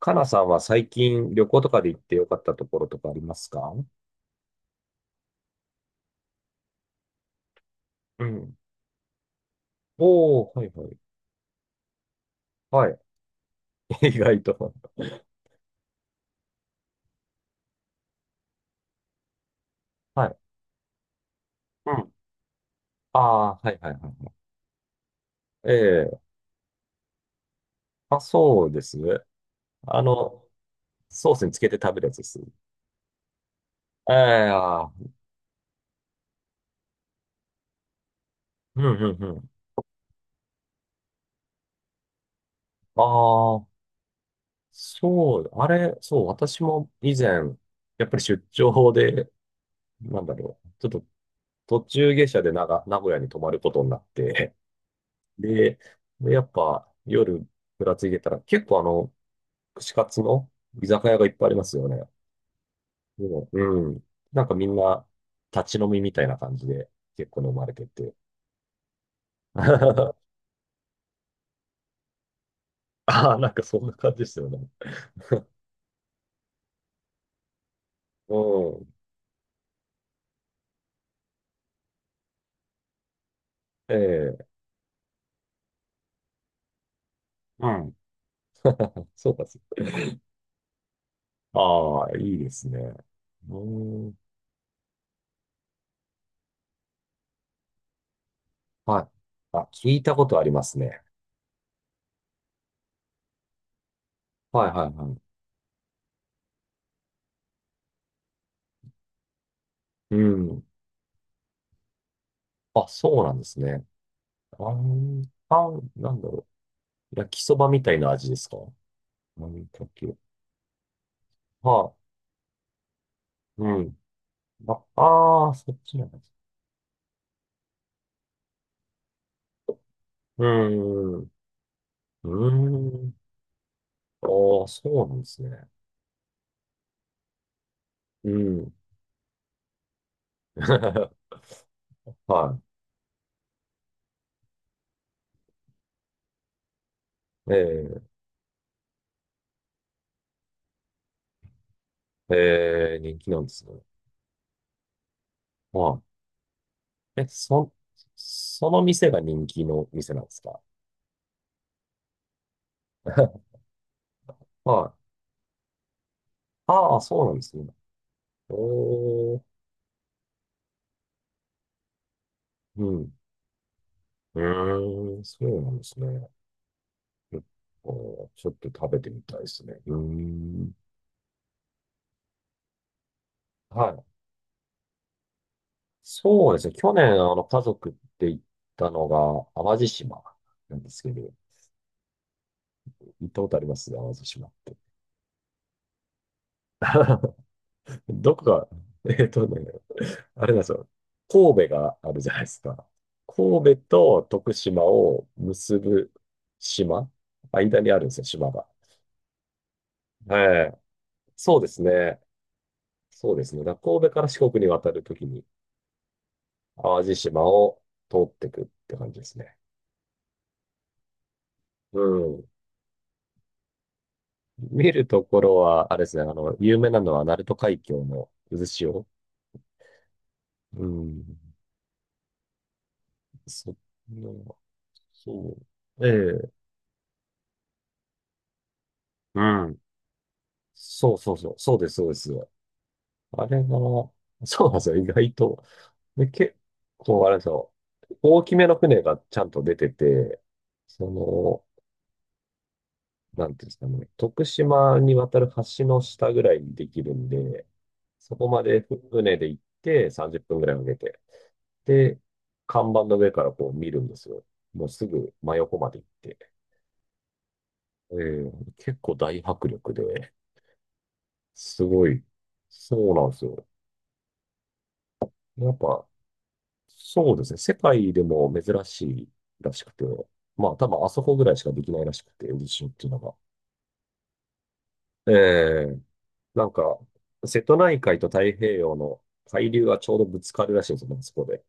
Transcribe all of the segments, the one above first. かなさんは最近旅行とかで行ってよかったところとかありますか？うん。おー、はいはい。はい。意外と。はい。うん。ああ、はいはいはい。ええ。あ、そうですね。あの、ソースにつけて食べるやつです。ええ。ああ。うんうんうん。ああ、そう、あれ、そう、私も以前、やっぱり出張で、なんだろう、ちょっと途中下車で名古屋に泊まることになって、で、でやっぱ夜ぶらついてたら結構串カツの居酒屋がいっぱいありますよね。でも、うん。なんかみんな立ち飲みみたいな感じで結構飲まれてて。ああ、なんかそんな感じですよね。うん。ええ。うん。そうか、そうか。ああ、いいですね。うん。はい。あ、聞いたことありますね。はいはいはい。うん。あ、そうなんですね。あーあー、なんだろう。焼きそばみたいな味ですか？何かけ。はあ、うん。あ、ああ、そっちなんです。うん、うん。うーん。ああ、そうなんですね。うん。はい。ええ、ええ、人気なんですね。はい。え、その店が人気の店なんですか？ はい。ああ、そうなんですね。おー、うん。うーん、そうなんですね。えっちょっと食べてみたいですね。うーん。はい。そうですね。去年、家族って行ったのが、淡路島なんですけど、行ったことあります淡路島って？どこが、えっとね、あれなんですよ。神戸があるじゃないですか。神戸と徳島を結ぶ島間にあるんですよ、島が。はい。そうですね。そうですね。だから神戸から四国に渡るときに、淡路島を通っていくって感じですね。うん。見るところは、あれですね、有名なのは、鳴門海峡の渦潮。うん。そっのそう。ええ。うん。そうそうそう。そうです、そうです。あれが、そうなんですよ、意外と。で、結構、あれですよ。大きめの船がちゃんと出てて、その、なんていうんですかね、徳島に渡る橋の下ぐらいにできるんで、そこまで船で行って30分ぐらいかけて、で、看板の上からこう見るんですよ。もうすぐ真横まで行って。えー結構大迫力で、すごい、そうなんですよ。やっぱ、そうですね。世界でも珍しいらしくて、まあ多分あそこぐらいしかできないらしくて、渦潮っていうのが。ええ。なんか、瀬戸内海と太平洋の海流がちょうどぶつかるらしいんですよね、まあそこで。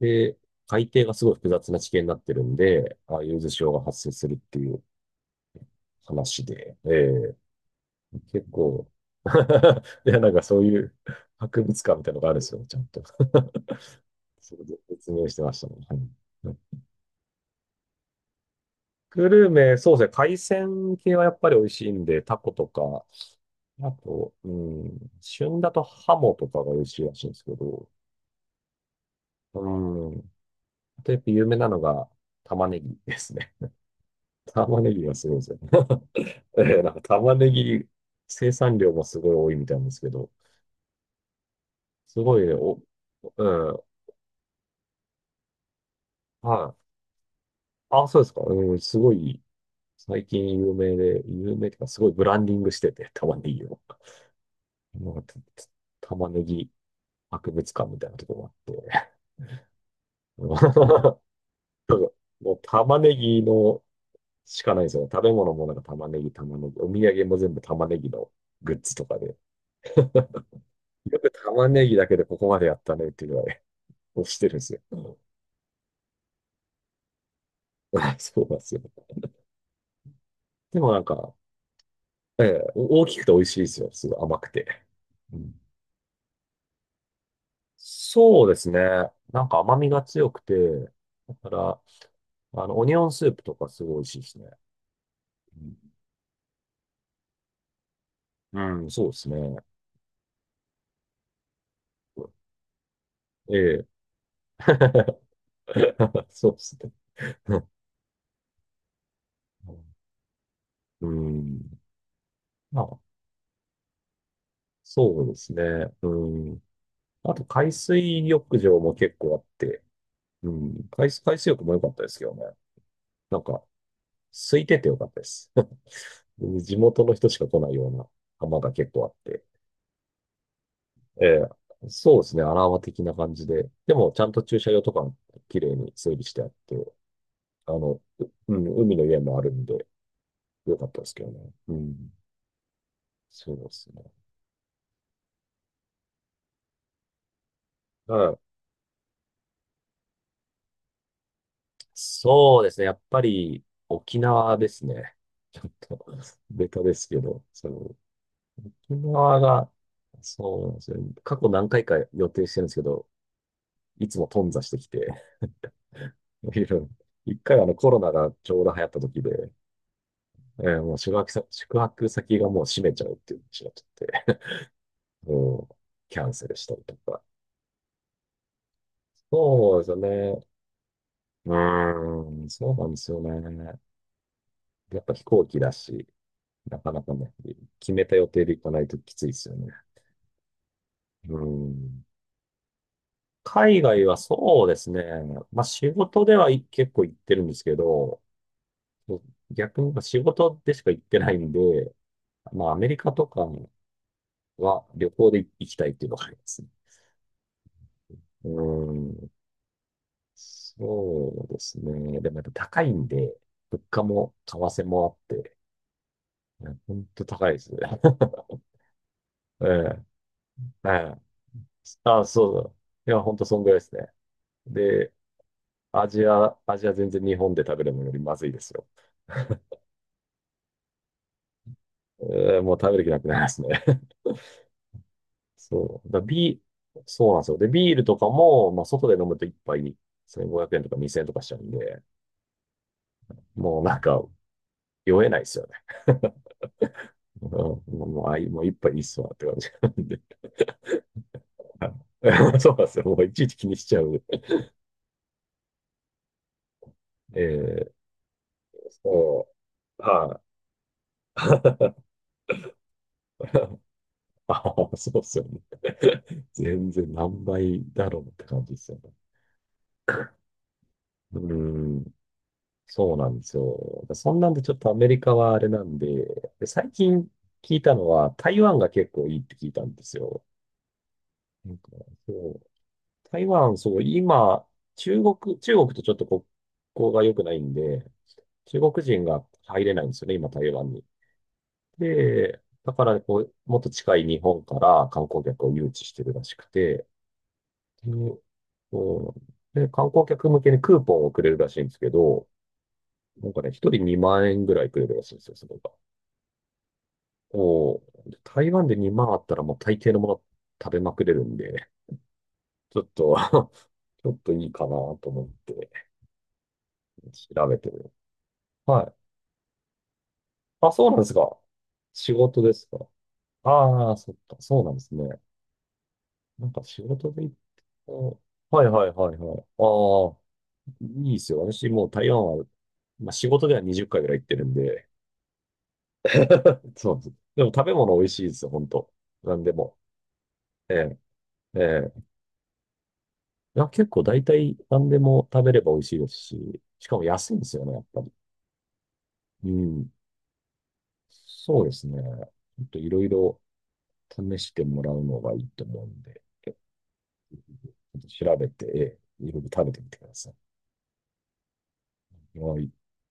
で、海底がすごい複雑な地形になってるんで、ああいう渦潮が発生するっていう話で。ええ、結構 いや、なんかそういう博物館みたいなのがあるんですよ、ちゃんと。それで説明してましたね。はい。グルメ、そうですね。海鮮系はやっぱり美味しいんで、タコとか、あと、うん、旬だとハモとかが美味しいらしいんですけど、うん。あとやっぱ有名なのが玉ねぎですね。玉ねぎがすごいですよね。なんか玉ねぎ生産量もすごい多いみたいなんですけど、すごいねお、うん。はい。あ、そうですか。うん、すごい、最近有名で、有名っていうか、すごいブランディングしてて、玉ねぎを。なんか玉ねぎ博物館みたいなとこもあって。もう玉ねぎのしかないですよね。食べ物もなんか玉ねぎ、玉ねぎ。お土産も全部玉ねぎのグッズとかで。よく玉ねぎだけでここまでやったねっていうぐらい押してるんですよ。うん。 そうなんですよ。でもなんか、ええ、大きくて美味しいですよ。すごい甘くて。うん、そうですね。なんか甘みが強くて、だから、オニオンスープとかすごい美味しいですね。うん、うん。そうですね。ええ。そうですね。うん。まあ、そうですね。うん。あと、海水浴場も結構あって、うん。海水浴も良かったですけどね。なんか、空いてて良かったです。地元の人しか来ないような浜が結構あって。ええ、そうですね、アラーマ的な感じで。でも、ちゃんと駐車場とか、綺麗に整理してあって、海の家もあるんで、よかったですけどね。うん、そうですね。うん、そうですね、やっぱり、沖縄ですね。ちょっと、ベタですけど、その、沖縄が、そうなんですよ。過去何回か予定してるんですけど、いつも頓挫してきて、いろいろ一回コロナがちょうど流行った時で、もう宿泊先がもう閉めちゃうっていう話になっちゃって、もうキャンセルしたりとか。そうですよね。うーん、そうなんですよね。やっぱ飛行機だし、なかなかね、決めた予定で行かないときついですよね。うーん。海外はそうですね。まあ仕事で、はい、結構行ってるんですけど、逆に仕事でしか行ってないんで、まあアメリカとかは旅行で行きたいっていうのがありますね。うーん。そうですね。でもやっぱ高いんで、物価も為替もあって、本当高いですね。ええ、はい。あ、そうだ。いや、本当そんぐらいですね。で、アジア全然日本で食べるのよりまずいですよ。もう食べる気なくなりますね。そう。だビー、そうなんですよ。で、ビールとかも、まあ、外で飲むと一杯1500円とか2000円とかしちゃうんで、もうなんか、酔えないですよね。うん、もう、もうあい、もう一杯いいっすわって感じ。はい。 そうなんですよ。もういちいち気にしちゃう。えー、そう。はい。ああ、そうっすよね。全然何倍だろうって感じですよね。うーん、そうなんですよ。そんなんでちょっとアメリカはあれなんで、で最近聞いたのは台湾が結構いいって聞いたんですよ。なんか、そう、台湾、そう、今、中国とちょっと国交が良くないんで、中国人が入れないんですよね、今台湾で、だからこう、もっと近い日本から観光客を誘致してるらしくて、で、うん、で、観光客向けにクーポンをくれるらしいんですけど、なんかね、一人2万円ぐらいくれるらしいんですよ、それが。おー、で台湾で2万あったらもう大抵のもの食べまくれるんで、ちょっと ちょっといいかなと思って調べてる。はい。あ、そうなんですか。仕事ですか？ああ、そっか、そうなんですね。なんか仕事で行った。はいはいはいはい。ああ、いいですよ。私もう台湾は、まあ、仕事では20回ぐらい行ってるんで、そうです。でも食べ物美味しいですよ、本当。何でも。ええ、ええ。いや、結構大体何でも食べれば美味しいですし、しかも安いんですよね、やっぱり。うん。そうですね。ちょっといろいろ試してもらうのがいいと思うんで、ちょっと調べて、いろいろ食べてみてください。はい。